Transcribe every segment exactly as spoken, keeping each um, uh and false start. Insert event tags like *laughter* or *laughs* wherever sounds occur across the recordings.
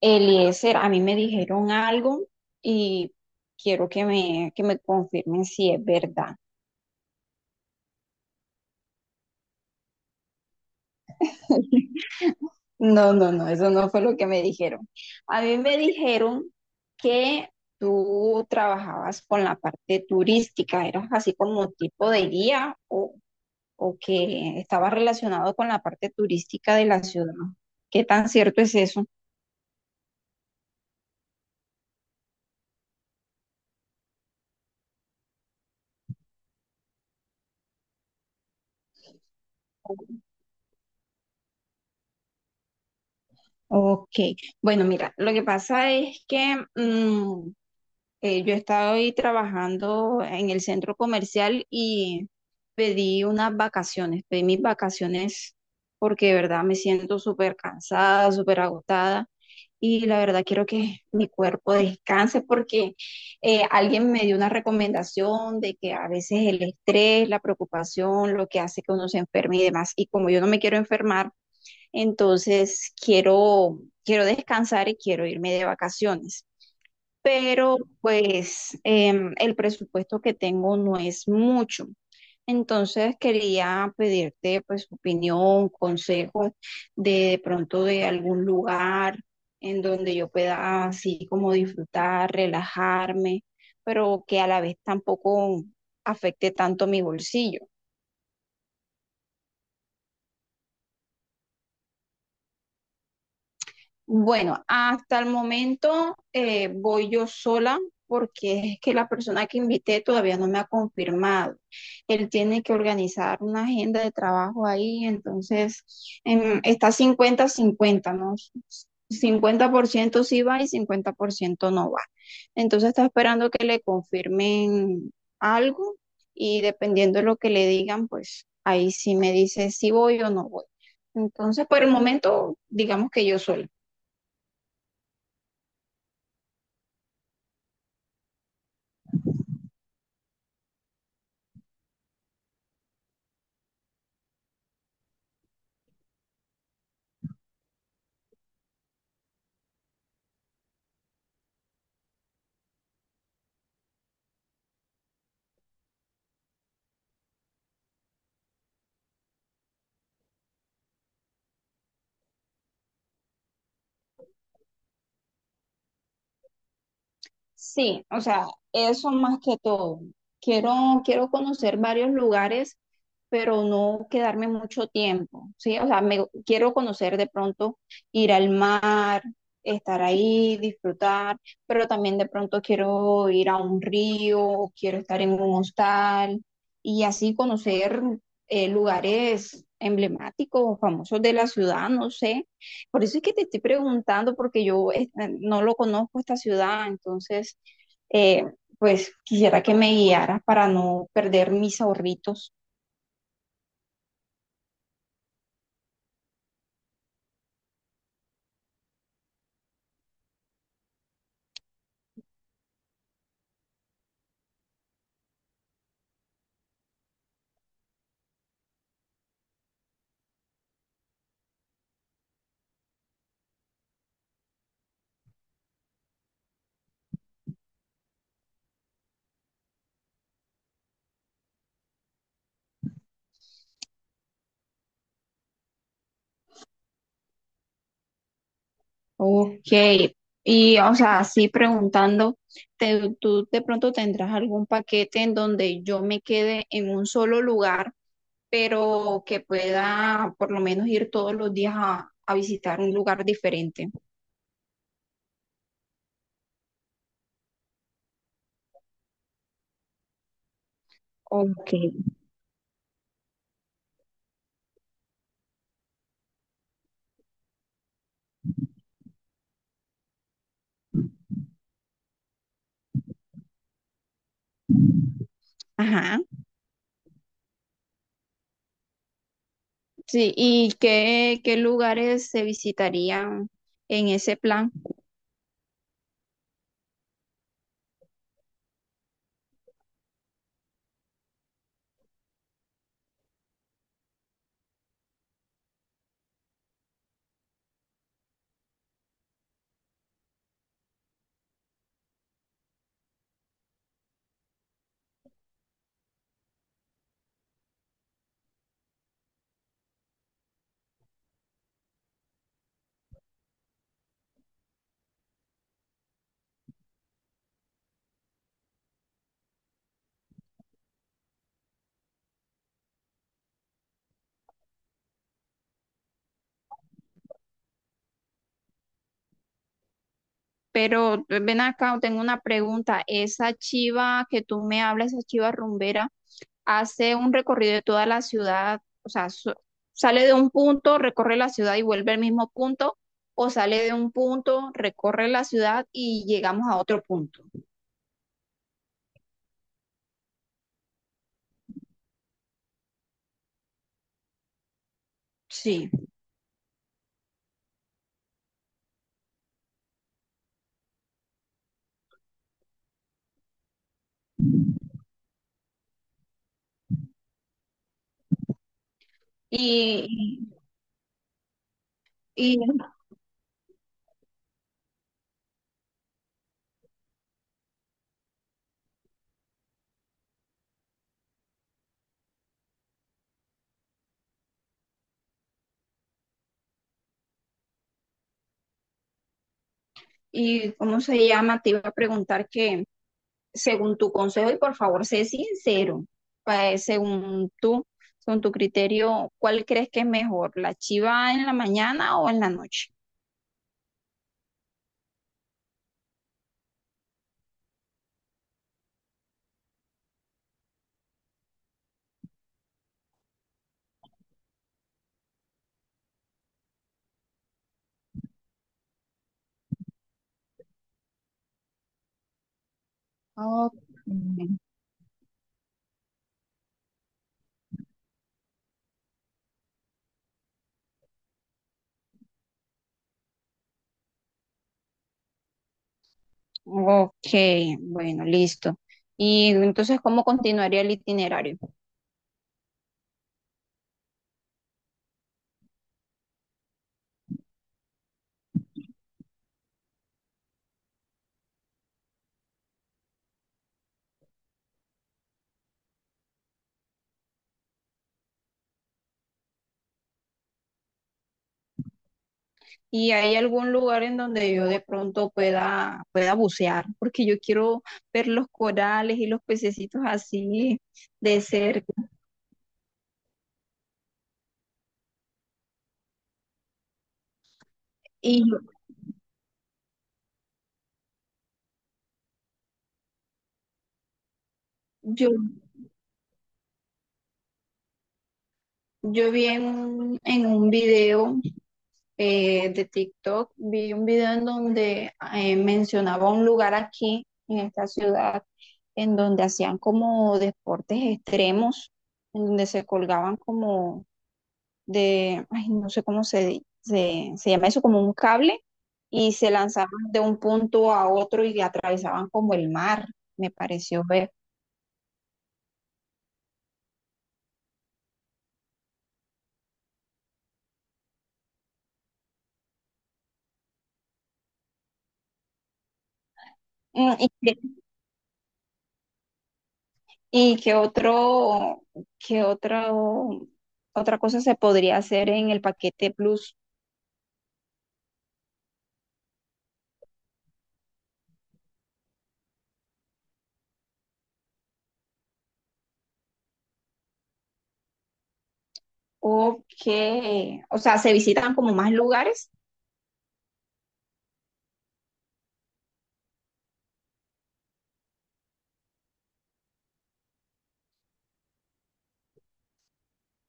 Eliezer, a mí me dijeron algo y quiero que me, que me confirmen si es verdad. *laughs* No, no, no, eso no fue lo que me dijeron. A mí me dijeron que tú trabajabas con la parte turística, eras así como tipo de guía o, o que estabas relacionado con la parte turística de la ciudad. ¿Qué tan cierto es eso? Ok, bueno, mira, lo que pasa es que mm, Eh, yo estaba hoy trabajando en el centro comercial y pedí unas vacaciones, pedí mis vacaciones porque de verdad me siento súper cansada, súper agotada y la verdad quiero que mi cuerpo descanse porque eh, alguien me dio una recomendación de que a veces el estrés, la preocupación, lo que hace que uno se enferme y demás. Y como yo no me quiero enfermar, entonces quiero, quiero descansar y quiero irme de vacaciones pero pues em, el presupuesto que tengo no es mucho. Entonces quería pedirte pues opinión, consejos de, de pronto de algún lugar en donde yo pueda así como disfrutar, relajarme, pero que a la vez tampoco afecte tanto mi bolsillo. Bueno, hasta el momento eh, voy yo sola porque es que la persona que invité todavía no me ha confirmado. Él tiene que organizar una agenda de trabajo ahí, entonces em, está cincuenta-cincuenta, ¿no? Cincuenta por ciento sí va y cincuenta por ciento no va. Entonces está esperando que le confirmen algo y dependiendo de lo que le digan, pues ahí sí me dice si voy o no voy. Entonces, por el momento, digamos que yo sola. Sí, o sea, eso más que todo. Quiero, quiero conocer varios lugares, pero no quedarme mucho tiempo, ¿sí? O sea, me, quiero conocer de pronto, ir al mar, estar ahí, disfrutar, pero también de pronto quiero ir a un río, o quiero estar en un hostal y así conocer eh, lugares emblemáticos o famosos de la ciudad, no sé. Por eso es que te estoy preguntando, porque yo eh, eh, no lo conozco esta ciudad, entonces, eh, pues quisiera que me guiaras para no perder mis ahorritos. Ok, y o sea, así preguntando, te- ¿tú de pronto tendrás algún paquete en donde yo me quede en un solo lugar, pero que pueda por lo menos ir todos los días a, a visitar un lugar diferente? Ok. Ajá. Sí, ¿y qué, qué lugares se visitarían en ese plan? Pero ven acá, tengo una pregunta. Esa chiva que tú me hablas, esa chiva rumbera, hace un recorrido de toda la ciudad, o sea, su- sale de un punto, recorre la ciudad y vuelve al mismo punto, o sale de un punto, recorre la ciudad y llegamos a otro punto. Sí. Y, y, y ¿cómo se llama? Te iba a preguntar que según tu consejo, y por favor, sé sincero, pa- según tú, según tu criterio, ¿cuál crees que es mejor, la chiva en la mañana o en la noche? Ok. Ok, bueno, listo. Y entonces, ¿cómo continuaría el itinerario? ¿Y hay algún lugar en donde yo de pronto pueda, pueda bucear? Porque yo quiero ver los corales y los pececitos así de cerca. Y yo, yo Yo vi en un, en un video eh, de TikTok, vi un video en donde eh, mencionaba un lugar aquí en esta ciudad en donde hacían como deportes extremos, en donde se colgaban como de, ay, no sé cómo se, di- se, se llama eso, como un cable y se lanzaban de un punto a otro y atravesaban como el mar, me pareció ver. Mm, Y ¿Y qué otro, qué otro, otra cosa se podría hacer en el paquete Plus? O que, o sea, se visitan como más lugares.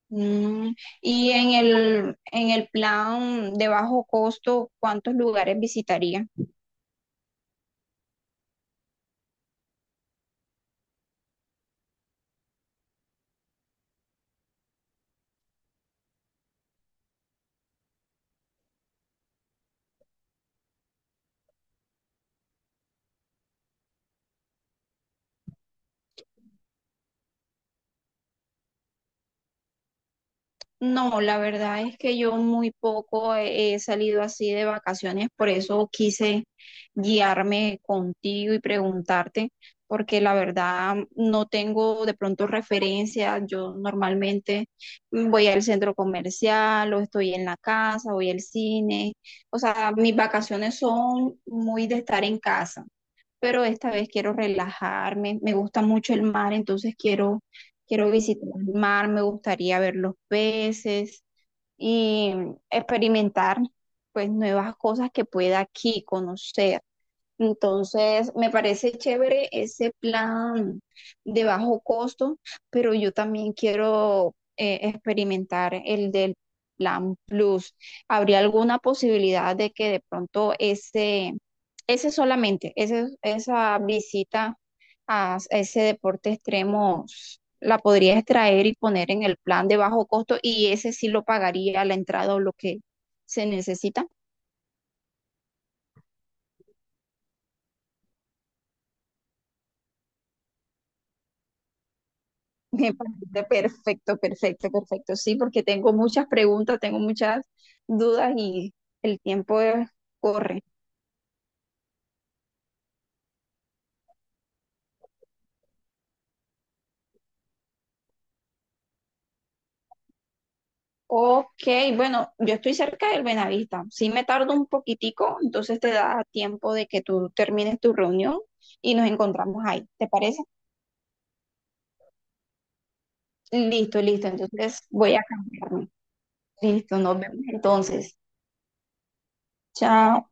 Mm, y en el, en el plan de bajo costo, ¿cuántos lugares visitaría? No, la verdad es que yo muy poco he he salido así de vacaciones, por eso quise guiarme contigo y preguntarte, porque la verdad no tengo de pronto referencia. Yo normalmente voy al centro comercial o estoy en la casa, voy al cine. O sea, mis vacaciones son muy de estar en casa pero esta vez quiero relajarme. Me gusta mucho el mar, entonces quiero, quiero visitar el mar, me gustaría ver los peces y experimentar pues nuevas cosas que pueda aquí conocer. Entonces, me parece chévere ese plan de bajo costo, pero yo también quiero eh, experimentar el del plan Plus. ¿Habría alguna posibilidad de que de pronto ese, ese solamente, ese, esa visita a ese deporte extremo la podrías traer y poner en el plan de bajo costo y ese sí lo pagaría la entrada o lo que se necesita? Me parece perfecto, perfecto, perfecto. Sí, porque tengo muchas preguntas, tengo muchas dudas y el tiempo eh, corre. Ok, bueno, yo estoy cerca del Benavista. Sí me tardo un poquitico, entonces te da tiempo de que tú termines tu reunión y nos encontramos ahí. ¿Te parece? Listo, listo. Entonces voy a cambiarme. Listo, nos vemos entonces. Chao.